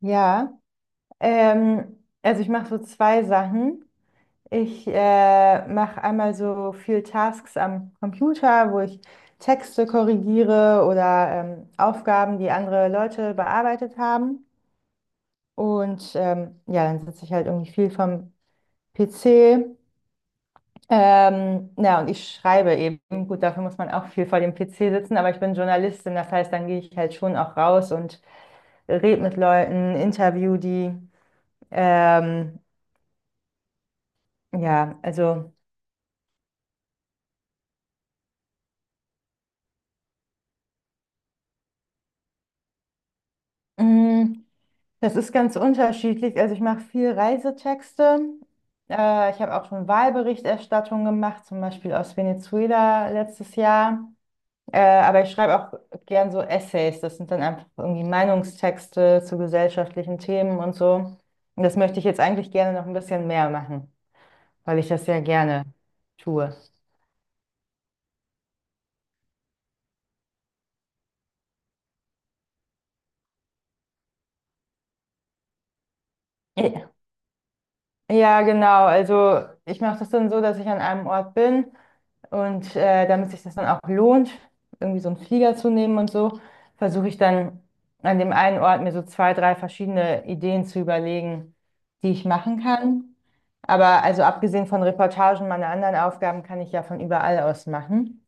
Ja, also ich mache so zwei Sachen. Ich mache einmal so viel Tasks am Computer, wo ich Texte korrigiere oder Aufgaben, die andere Leute bearbeitet haben. Und ja, dann sitze ich halt irgendwie viel vom PC. Na, und ich schreibe eben. Gut, dafür muss man auch viel vor dem PC sitzen, aber ich bin Journalistin, das heißt, dann gehe ich halt schon auch raus und rede mit Leuten, interview die. Ähm, Ja, also mm, das ist ganz unterschiedlich. Also ich mache viel Reisetexte. Ich habe auch schon Wahlberichterstattung gemacht, zum Beispiel aus Venezuela letztes Jahr. Aber ich schreibe auch gern so Essays. Das sind dann einfach irgendwie Meinungstexte zu gesellschaftlichen Themen und so. Und das möchte ich jetzt eigentlich gerne noch ein bisschen mehr machen, weil ich das ja gerne tue. Ja, genau. Also ich mache das dann so, dass ich an einem Ort bin und damit sich das dann auch lohnt, irgendwie so einen Flieger zu nehmen und so, versuche ich dann an dem einen Ort mir so zwei, drei verschiedene Ideen zu überlegen, die ich machen kann. Aber also abgesehen von Reportagen, meine anderen Aufgaben kann ich ja von überall aus machen.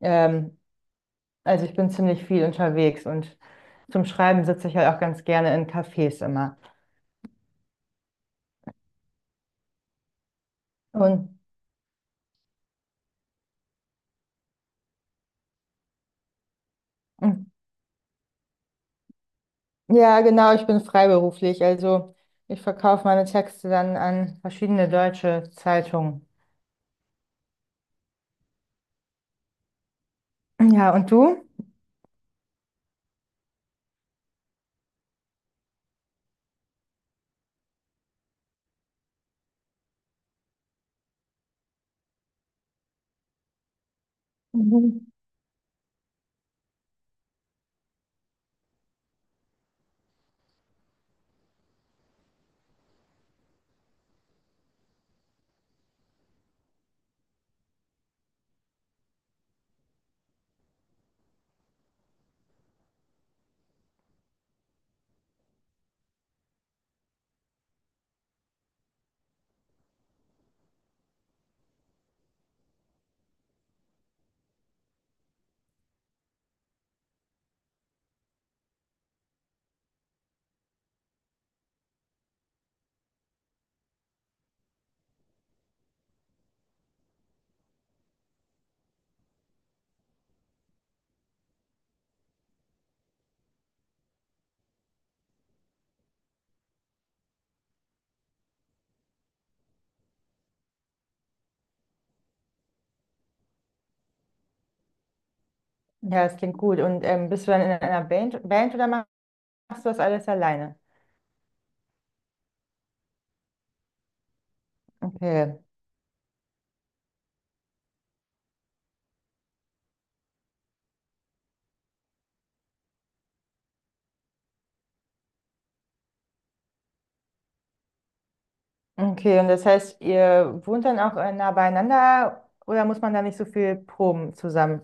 Ähm, also ich bin ziemlich viel unterwegs und zum Schreiben sitze ich halt auch ganz gerne in Cafés immer. Und ja, genau, ich bin freiberuflich. Also ich verkaufe meine Texte dann an verschiedene deutsche Zeitungen. Ja, und du? Mhm. Ja, das klingt gut. Und bist du dann in einer Band, Band oder machst du das alles alleine? Okay. Okay, und das heißt, ihr wohnt dann auch nah beieinander oder muss man da nicht so viel proben zusammen?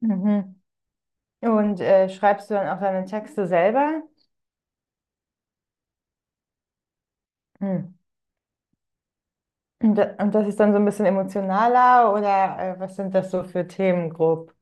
Mhm. Und schreibst du dann auch deine Texte selber? Mhm. Und, da, und das ist dann so ein bisschen emotionaler oder was sind das so für Themen grob?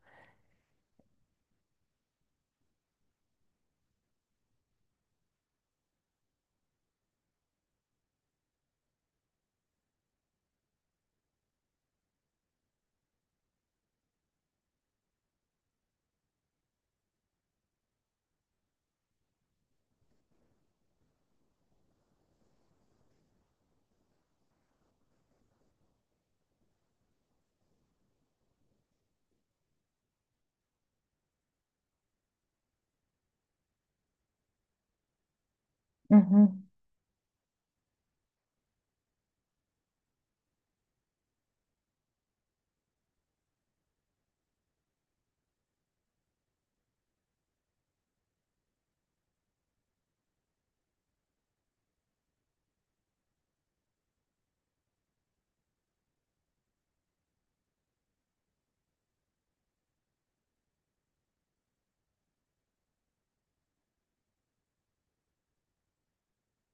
Mhm.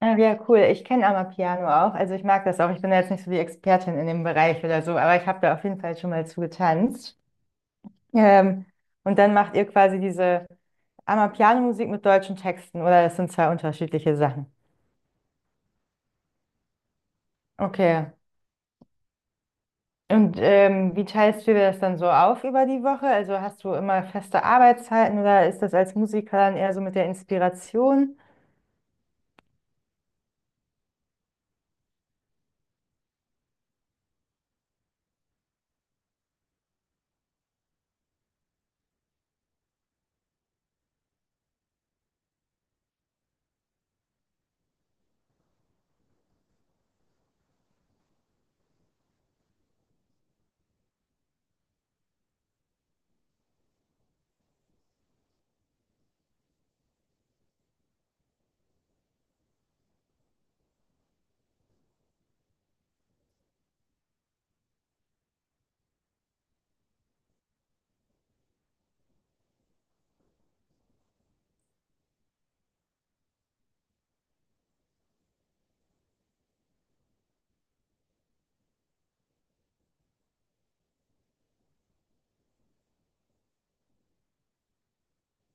Ah, ja, cool. Ich kenne Amapiano auch. Also ich mag das auch. Ich bin da jetzt nicht so die Expertin in dem Bereich oder so, aber ich habe da auf jeden Fall schon mal zugetanzt. Ähm, und dann macht ihr quasi diese Amapiano-Musik mit deutschen Texten oder das sind zwei unterschiedliche Sachen. Okay. Und wie teilst du dir das dann so auf über die Woche? Also hast du immer feste Arbeitszeiten oder ist das als Musiker dann eher so mit der Inspiration?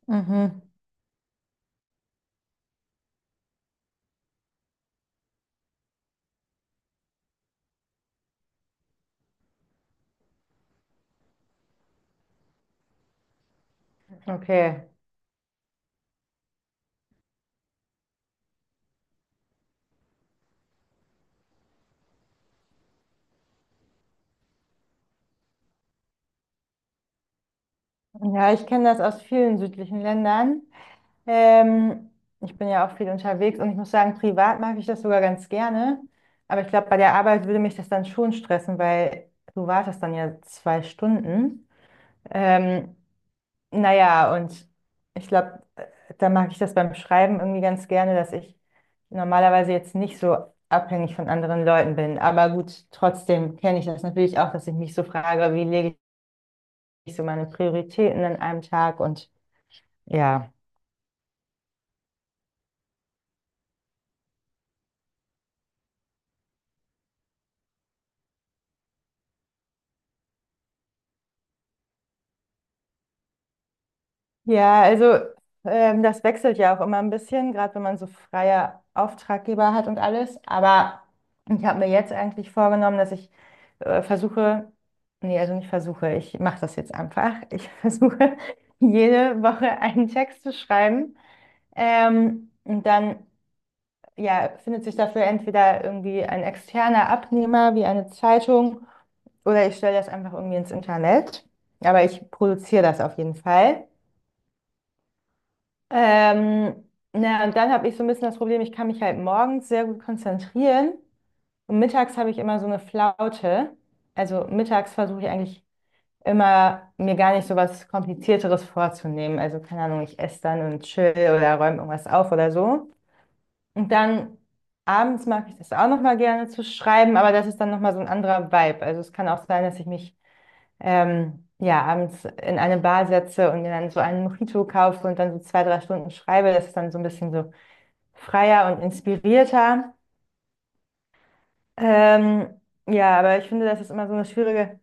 Mhm. Okay. Ja, ich kenne das aus vielen südlichen Ländern. Ähm, Ich bin ja auch viel unterwegs und ich muss sagen, privat mag ich das sogar ganz gerne. Aber ich glaube, bei der Arbeit würde mich das dann schon stressen, weil du wartest dann ja zwei Stunden. Ähm, naja, und ich glaube, da mag ich das beim Schreiben irgendwie ganz gerne, dass ich normalerweise jetzt nicht so abhängig von anderen Leuten bin. Aber gut, trotzdem kenne ich das natürlich auch, dass ich mich so frage, wie lege ich so meine Prioritäten an einem Tag und ja. Ja, also das wechselt ja auch immer ein bisschen, gerade wenn man so freie Auftraggeber hat und alles. Aber ich habe mir jetzt eigentlich vorgenommen, dass ich versuche, nee, also nicht versuche, ich mache das jetzt einfach. Ich versuche jede Woche einen Text zu schreiben. Und dann ja, findet sich dafür entweder irgendwie ein externer Abnehmer wie eine Zeitung oder ich stelle das einfach irgendwie ins Internet. Aber ich produziere das auf jeden Fall. Ähm, na, und dann habe ich so ein bisschen das Problem, ich kann mich halt morgens sehr gut konzentrieren und mittags habe ich immer so eine Flaute. Also mittags versuche ich eigentlich immer, mir gar nicht so was Komplizierteres vorzunehmen. Also keine Ahnung, ich esse dann und chill oder räume irgendwas auf oder so. Und dann abends mag ich das auch nochmal gerne zu schreiben, aber das ist dann nochmal so ein anderer Vibe. Also es kann auch sein, dass ich mich ja, abends in eine Bar setze und mir dann so einen Mojito kaufe und dann so zwei, drei Stunden schreibe. Das ist dann so ein bisschen so freier und inspirierter. Ähm, ja, aber ich finde, das ist immer so eine schwierige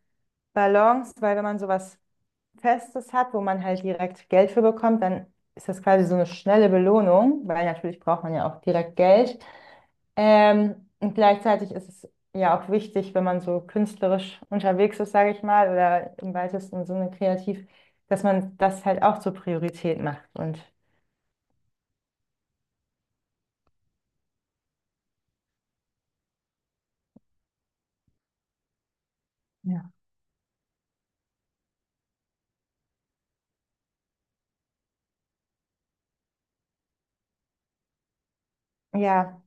Balance, weil wenn man sowas Festes hat, wo man halt direkt Geld für bekommt, dann ist das quasi so eine schnelle Belohnung, weil natürlich braucht man ja auch direkt Geld. Und gleichzeitig ist es ja auch wichtig, wenn man so künstlerisch unterwegs ist, sage ich mal, oder im weitesten Sinne kreativ, dass man das halt auch zur Priorität macht. Und ja. Ja.